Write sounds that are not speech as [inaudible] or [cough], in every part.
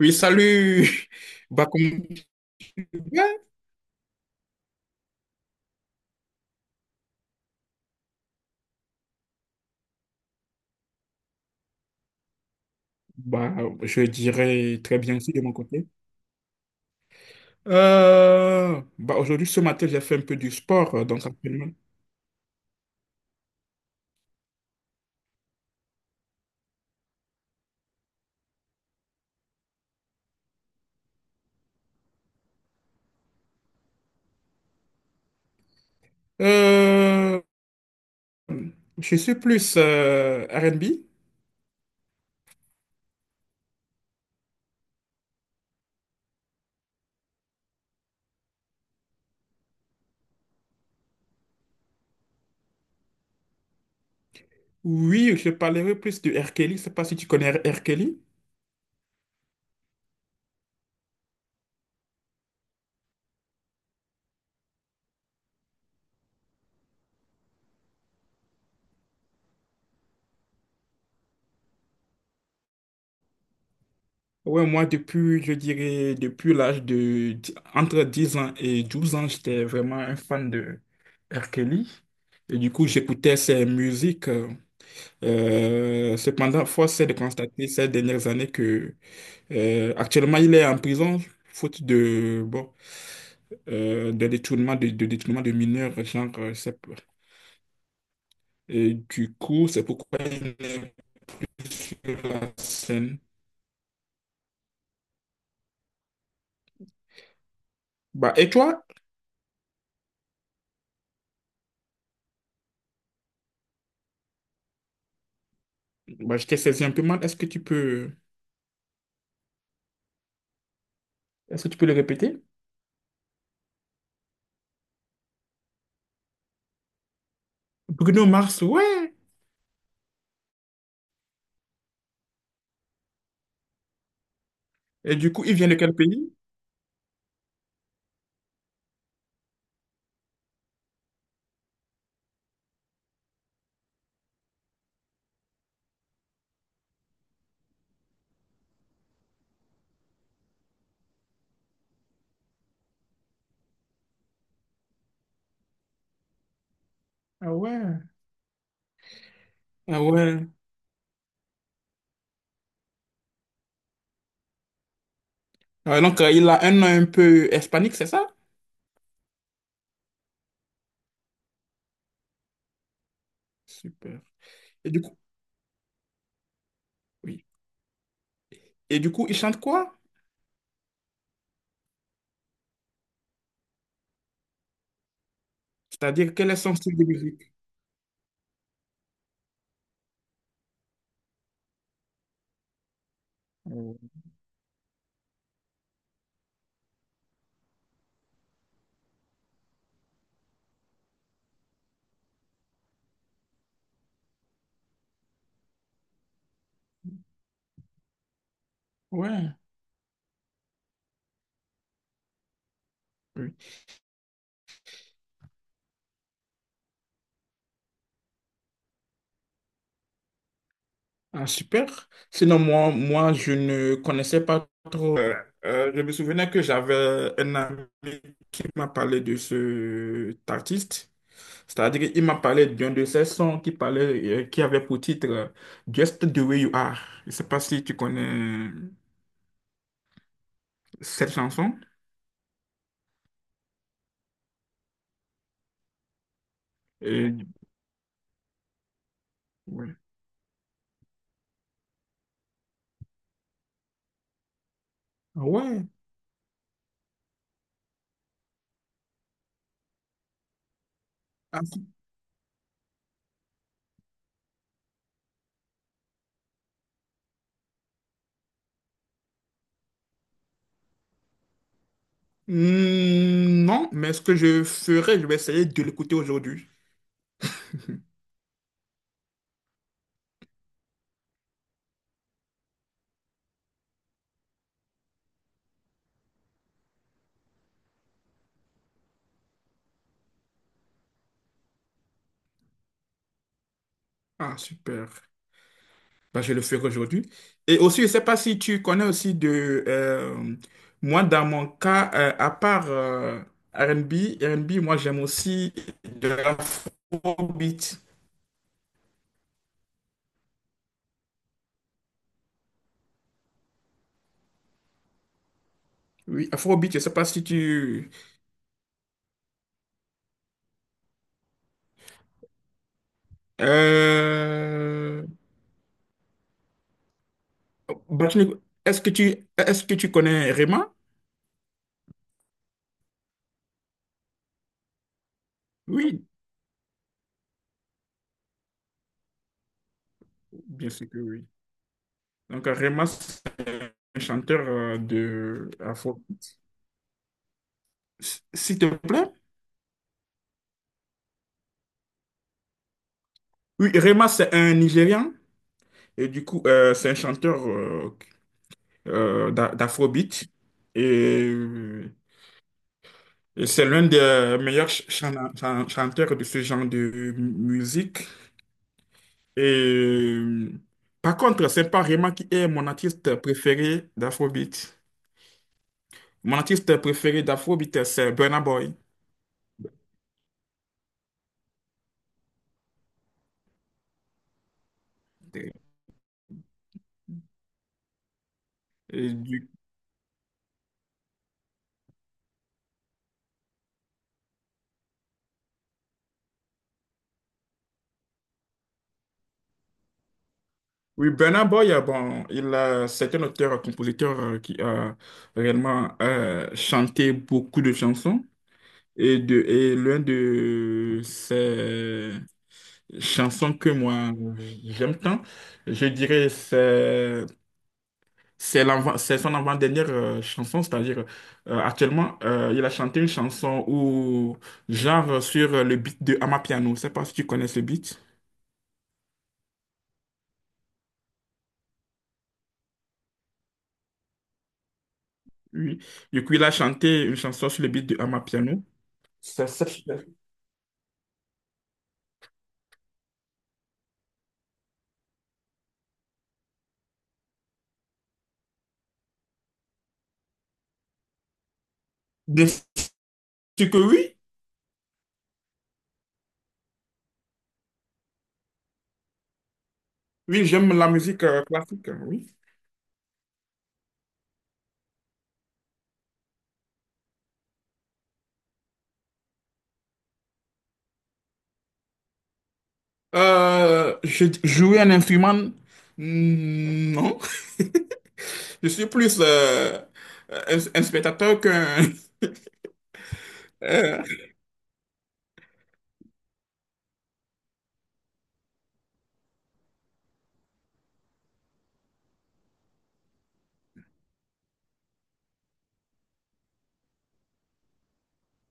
Oui, salut! [laughs] Bah, comment tu vas? Bah, je dirais très bien aussi de mon côté. Bah, aujourd'hui, ce matin, j'ai fait un peu du sport, donc actuellement. Euh, je suis plus R&B. Oui, je parlerai plus de R. Kelly. Je sais pas si tu connais R. Kelly. Ouais, moi, depuis, je dirais, depuis l'âge de entre 10 ans et 12 ans, j'étais vraiment un fan de R. Kelly. Et du coup, j'écoutais ses musiques. Cependant, force est de constater ces dernières années que actuellement il est en prison faute de bon, de détournement de détournement de mineurs, genre, et du coup c'est pourquoi il est plus sur la scène. Bah et toi, bah, je t'ai saisi un peu mal. Est-ce que tu peux le répéter? Bruno Mars, ouais. Et du coup il vient de quel pays? Ah ouais. Ah ouais. Ah, donc, il a un nom un peu hispanique, c'est ça? Super. Et du coup, oui. Et du coup, il chante quoi? C'est-à-dire, quel est son style de musique? Euh, Ouais, oui. Ah, super. Sinon, moi, je ne connaissais pas trop. Je me souvenais que j'avais un ami qui m'a parlé de cet artiste. C'est-à-dire, il m'a parlé d'un de ses sons qui parlait, qui avait pour titre Just the Way You Are. Je ne sais pas si tu connais cette chanson. Et, ouais. Ah, ouais. Hmm, non, mais ce que je ferai, je vais essayer de l'écouter aujourd'hui. Ah, super. Bah, je le ferai aujourd'hui. Et aussi, je ne sais pas si tu connais aussi moi, dans mon cas, à part R&B, R&B, moi, j'aime aussi de l'afrobeat. Oui, afrobeat, je ne sais pas si tu... Euh, bah, est-ce que est-ce que tu connais Rema? Oui, bien sûr que oui. Donc, Rema, c'est un chanteur de Afro. S'il te plaît. Oui, Rema, c'est un Nigérian. Et du coup, c'est un chanteur d'Afrobeat. Et, euh, et c'est l'un des meilleurs chanteurs de ce genre de musique. Et euh, par contre, c'est pas Rema qui est mon artiste préféré d'Afrobeat. Mon artiste préféré d'Afrobeat, c'est Burna Boy. Et du Oui, Burna Boy, bon, c'est un auteur-compositeur qui a réellement chanté beaucoup de chansons. Et, et l'un de ces chansons que moi j'aime tant, je dirais, c'est c'est son avant-dernière chanson, c'est-à-dire actuellement, il a chanté une chanson où, genre sur le beat de Amapiano. Je ne sais pas si tu connais ce beat. Oui. Du coup, il a chanté une chanson sur le beat de Amapiano. C'est cette. Bien sûr que oui. Oui, j'aime la musique classique, oui. Jouer un instrument, mm, non. [laughs] Je suis plus un spectateur qu'un. [laughs] euh,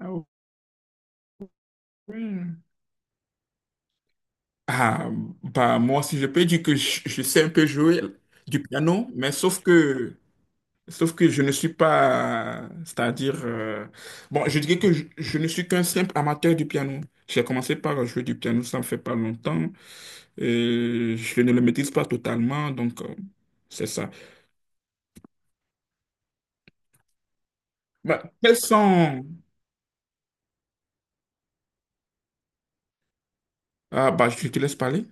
ah, ouais. Ah, bah, moi aussi, je peux dire que je sais un peu jouer du piano, mais sauf que je ne suis pas, c'est-à-dire, bon, je dirais que je ne suis qu'un simple amateur du piano. J'ai commencé par jouer du piano, ça ne fait pas longtemps. Je ne le maîtrise pas totalement, donc c'est ça. Bah, quels sont... Ah, bah, je te laisse parler.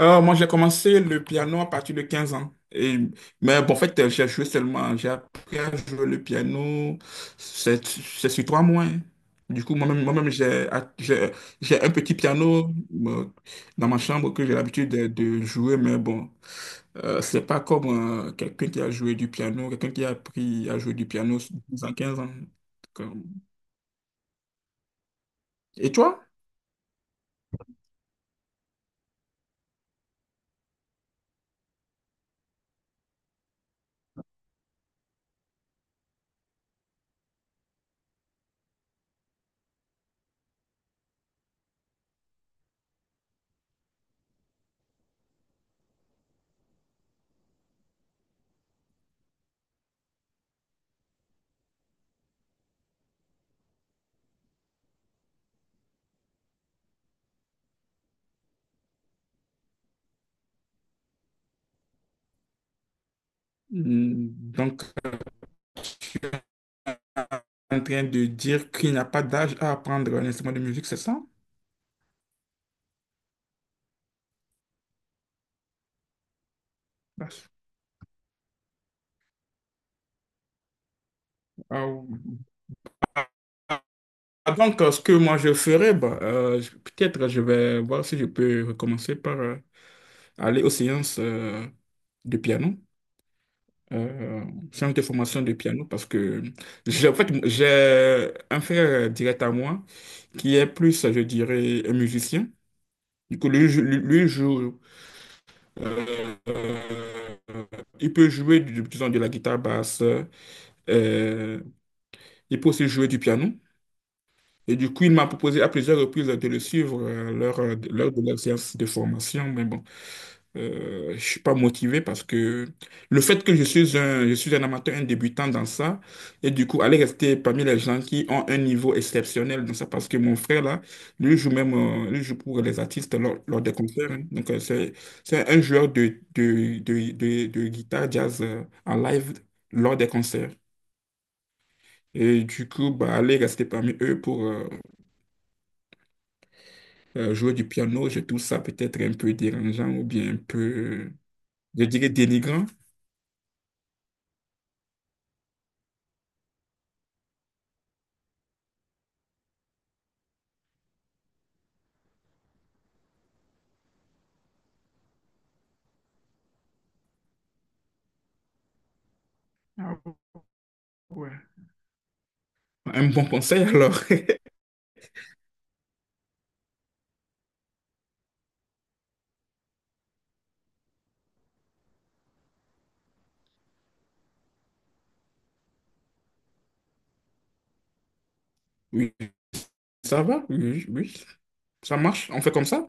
Moi, j'ai commencé le piano à partir de 15 ans. Et, mais bon, en fait, j'ai joué seulement, j'ai appris à jouer le piano, c'est sur 3 mois. Hein. Du coup, moi-même, j'ai- j'ai un petit piano euh, dans ma chambre que j'ai l'habitude de jouer, mais bon, c'est pas comme quelqu'un qui a joué du piano, quelqu'un qui a appris à jouer du piano dans 15 ans. Donc, et toi? Hmm, Donc, en train de dire qu'il n'y a pas d'âge à apprendre un instrument de musique, c'est ça? Ah, ah, donc, ce que moi je ferais, bah, peut-être je vais voir si je peux recommencer par aller aux séances de piano, euh, séances de formation de piano, parce que j'ai en fait, j'ai un frère direct à moi qui est plus, je dirais, un musicien. Du coup, lui joue, euh, euh, il peut jouer, disons, de la guitare basse, euh, il peut aussi jouer du piano. Et du coup, il m'a proposé à plusieurs reprises de le suivre lors de leur séance de formation. Mais bon, je ne suis pas motivé parce que le fait que je suis un amateur, un débutant dans ça, et du coup, aller rester parmi les gens qui ont un niveau exceptionnel dans ça, parce que mon frère, là, lui joue pour les artistes lors des concerts. Hein. Donc, c'est un joueur de guitare jazz en live lors des concerts. Et du coup, bah, aller rester parmi eux pour jouer du piano, je trouve ça peut-être un peu dérangeant ou bien un peu, je dirais, dénigrant. Ah ouais. Un bon conseil alors. [laughs] Oui, ça va, oui, oui, ça marche, on fait comme ça.